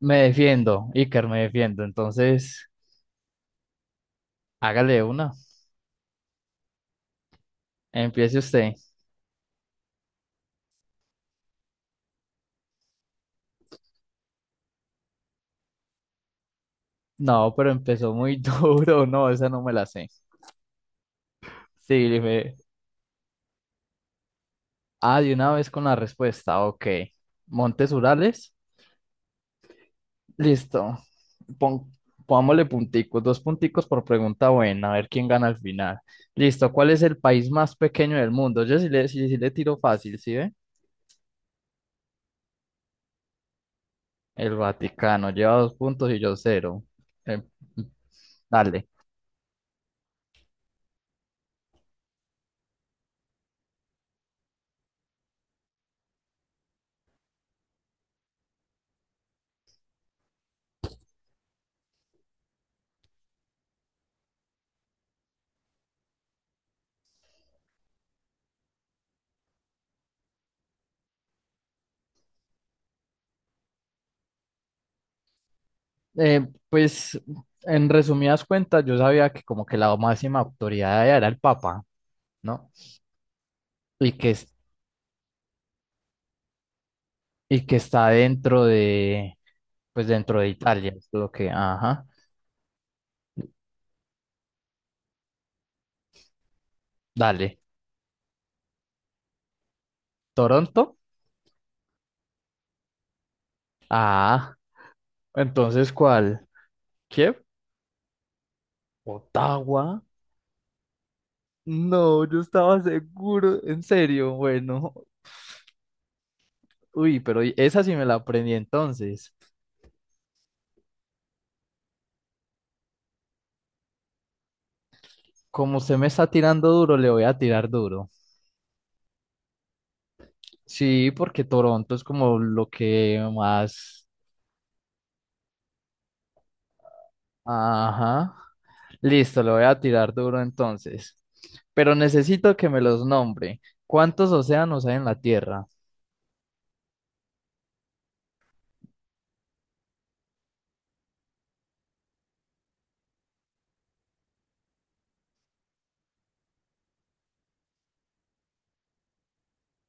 Me defiendo, Iker, me defiendo. Entonces, hágale una. Empiece usted. No, pero empezó muy duro. No, esa no me la sé. Sí, dije. Ah, de una vez con la respuesta. Ok. Montes Urales. Listo. Pon- Pongámosle punticos. Dos punticos por pregunta buena. A ver quién gana al final. Listo. ¿Cuál es el país más pequeño del mundo? Yo sí le tiro fácil, ¿sí ve? El Vaticano. Lleva dos puntos y yo cero. Em, Dale. Pues, en resumidas cuentas, yo sabía que como que la máxima autoridad allá era el Papa, ¿no? Y que está dentro de, pues dentro de Italia, es lo que, ajá, dale. ¿Toronto? Ah, entonces, ¿cuál? ¿Kiev? ¿Ottawa? No, yo estaba seguro, en serio, bueno. Uy, pero esa sí me la aprendí entonces. Como usted me está tirando duro, le voy a tirar duro. Sí, porque Toronto es como lo que más. Ajá. Listo, lo voy a tirar duro entonces. Pero necesito que me los nombre. ¿Cuántos océanos hay en la Tierra?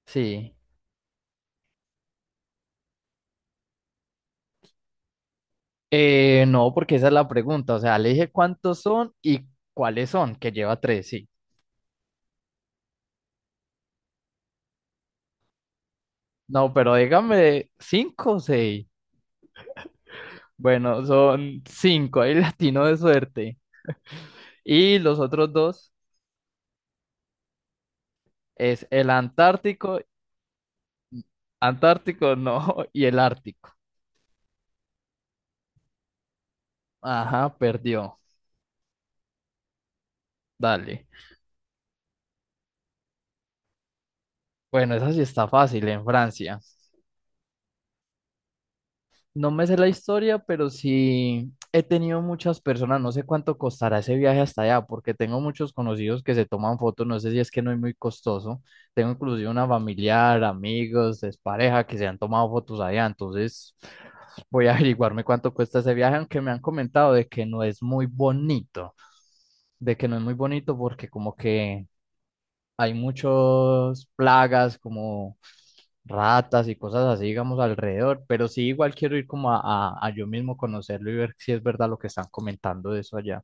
Sí. No, porque esa es la pregunta. O sea, le dije cuántos son y cuáles son, que lleva tres, sí. No, pero dígame cinco o seis. Bueno, son cinco, ahí latino de suerte. Y los otros dos es el Antártico, Antártico no, y el Ártico. Ajá, perdió. Dale. Bueno, esa sí está fácil en Francia. No me sé la historia, pero sí he tenido muchas personas. No sé cuánto costará ese viaje hasta allá, porque tengo muchos conocidos que se toman fotos. No sé si es que no es muy costoso. Tengo inclusive una familiar, amigos, pareja que se han tomado fotos allá. Entonces voy a averiguarme cuánto cuesta ese viaje, aunque me han comentado de que no es muy bonito, de que no es muy bonito porque como que hay muchas plagas como ratas y cosas así, digamos, alrededor, pero sí igual quiero ir como a yo mismo conocerlo y ver si es verdad lo que están comentando de eso allá.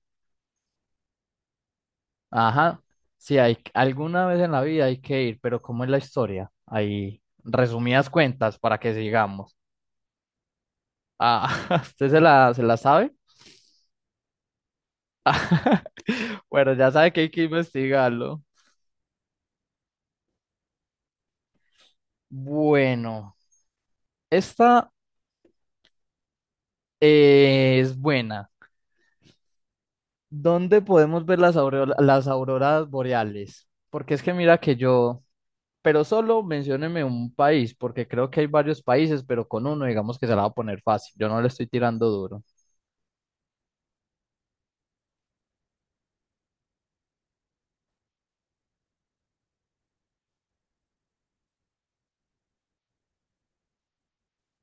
Ajá, sí, alguna vez en la vida hay que ir, pero ¿cómo es la historia? Ahí, resumidas cuentas para que sigamos. Ah, ¿usted se la sabe? Bueno, ya sabe que hay que investigarlo. Bueno, esta es buena. ¿Dónde podemos ver las auroras boreales? Porque es que mira que yo, pero solo mencióneme un país, porque creo que hay varios países, pero con uno digamos que se la va a poner fácil. Yo no le estoy tirando duro.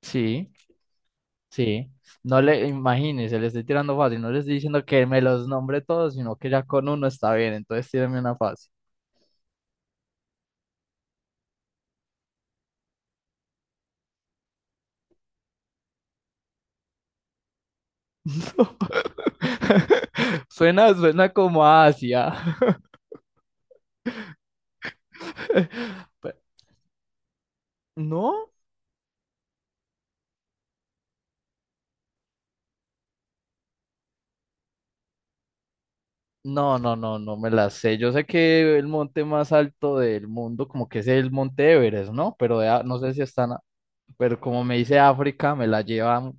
Sí, sí. No le imagínese, le estoy tirando fácil. No le estoy diciendo que me los nombre todos, sino que ya con uno está bien. Entonces tíreme una fácil. Suena, suena como a Asia. Pe- ¿No? No, no, no, no me las sé. Yo sé que el monte más alto del mundo, como que es el monte Everest, ¿no? Pero no sé si están, pero como me dice África, me la llevan.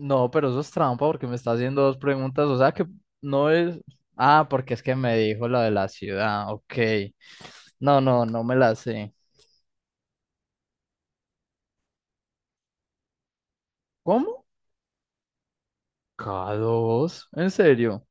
No, pero eso es trampa porque me está haciendo dos preguntas. O sea que no es. Ah, porque es que me dijo la de la ciudad. Ok. No, no, no me la sé. ¿Cómo? ¿K2? ¿En serio?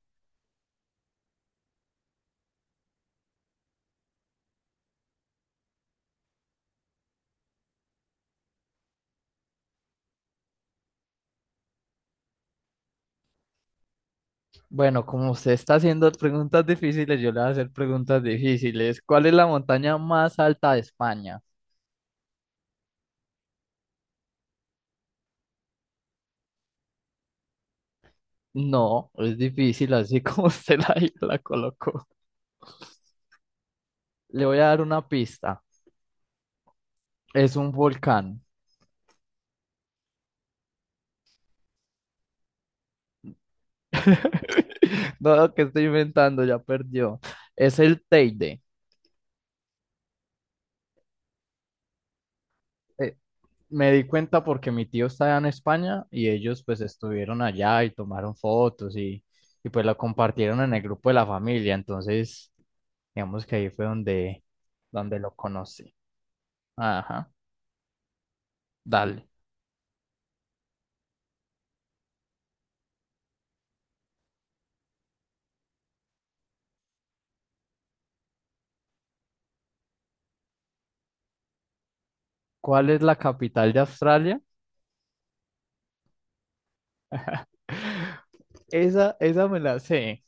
Bueno, como usted está haciendo preguntas difíciles, yo le voy a hacer preguntas difíciles. ¿Cuál es la montaña más alta de España? No, es difícil así como usted la colocó. Le voy a dar una pista. Es un volcán. No, que estoy inventando, ya perdió. Es el Teide. Eh, Me di cuenta porque mi tío está allá en España y ellos pues estuvieron allá y tomaron fotos y pues lo compartieron en el grupo de la familia. Entonces, digamos que ahí fue donde lo conocí. Ajá, dale. ¿Cuál es la capital de Australia? Esa me la sé.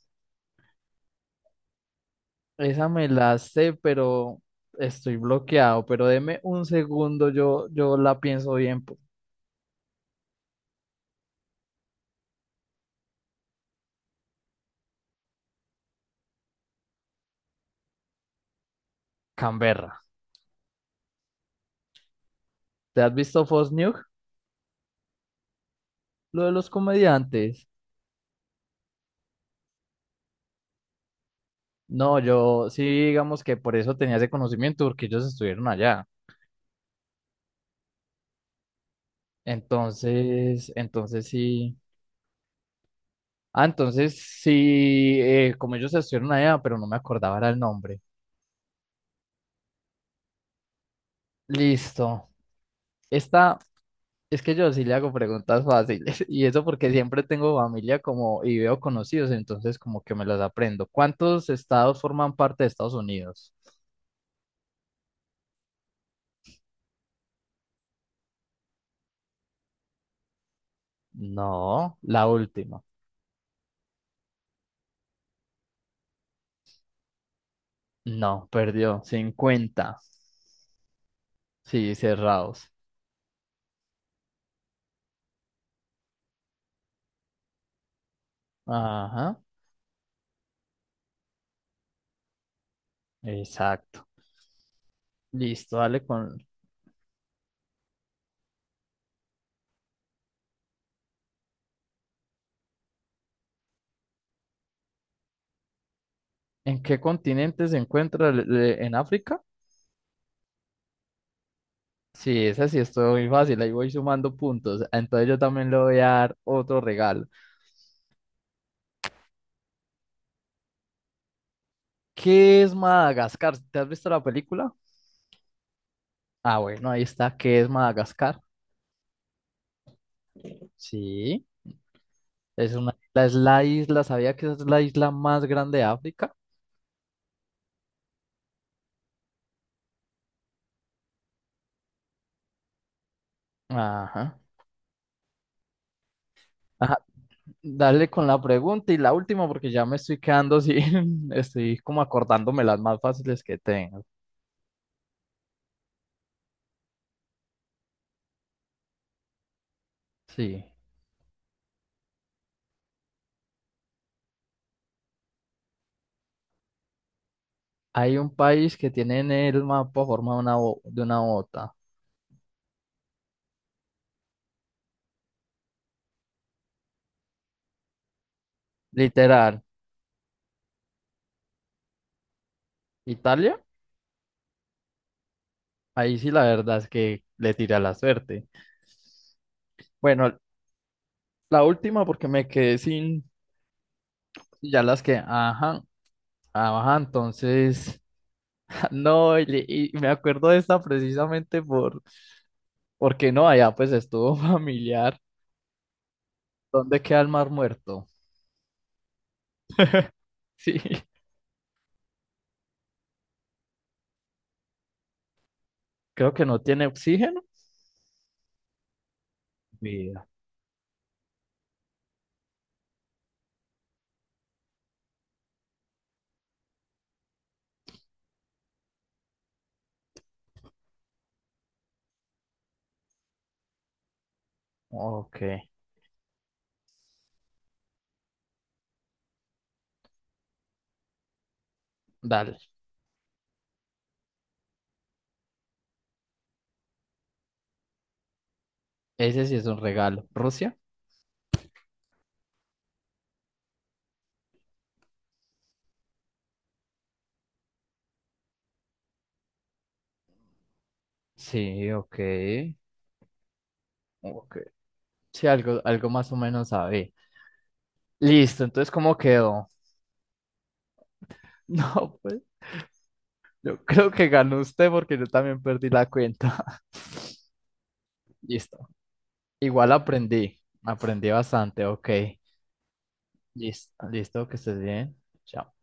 Esa me la sé, pero estoy bloqueado. Pero deme un segundo, yo la pienso bien. Canberra. ¿Te has visto Fox News? Lo de los comediantes. No, yo sí, digamos que por eso tenía ese conocimiento, porque ellos estuvieron allá. Entonces sí. Ah, entonces sí, como ellos estuvieron allá, pero no me acordaba era el nombre. Listo. Esta Es que yo sí le hago preguntas fáciles y eso porque siempre tengo familia como y veo conocidos, entonces como que me las aprendo. ¿Cuántos estados forman parte de Estados Unidos? No, la última. No, perdió. 50. Sí, cerrados. Ajá, exacto. Listo, dale con. ¿En qué continente se encuentra? ¿En África? Sí, esa sí es muy fácil, ahí voy sumando puntos. Entonces yo también le voy a dar otro regalo. ¿Qué es Madagascar? ¿Te has visto la película? Ah, bueno, ahí está. ¿Qué es Madagascar? Sí, es una isla, es la isla, ¿sabía que es la isla más grande de África? Ajá. Ajá. Dale con la pregunta y la última porque ya me estoy quedando sin, estoy como acordándome las más fáciles que tengo. Sí. Hay un país que tiene en el mapa forma de una bota. Literal. ¿Italia? Ahí sí la verdad es que le tira la suerte. Bueno, la última porque me quedé sin, ya las que, ajá. Ah, ajá, entonces, no, y me acuerdo de esta precisamente porque no, allá pues estuvo familiar. ¿Dónde queda el Mar Muerto? Sí, creo que no tiene oxígeno. Vida. Ok, dale. Ese sí es un regalo. ¿Rusia? Sí, ok. Ok. Sí, algo más o menos sabe. Listo, entonces, ¿cómo quedó? No, pues, yo creo que ganó usted porque yo también perdí la cuenta. Listo. Igual aprendí bastante, ok. Listo, listo, que estés bien. Chao.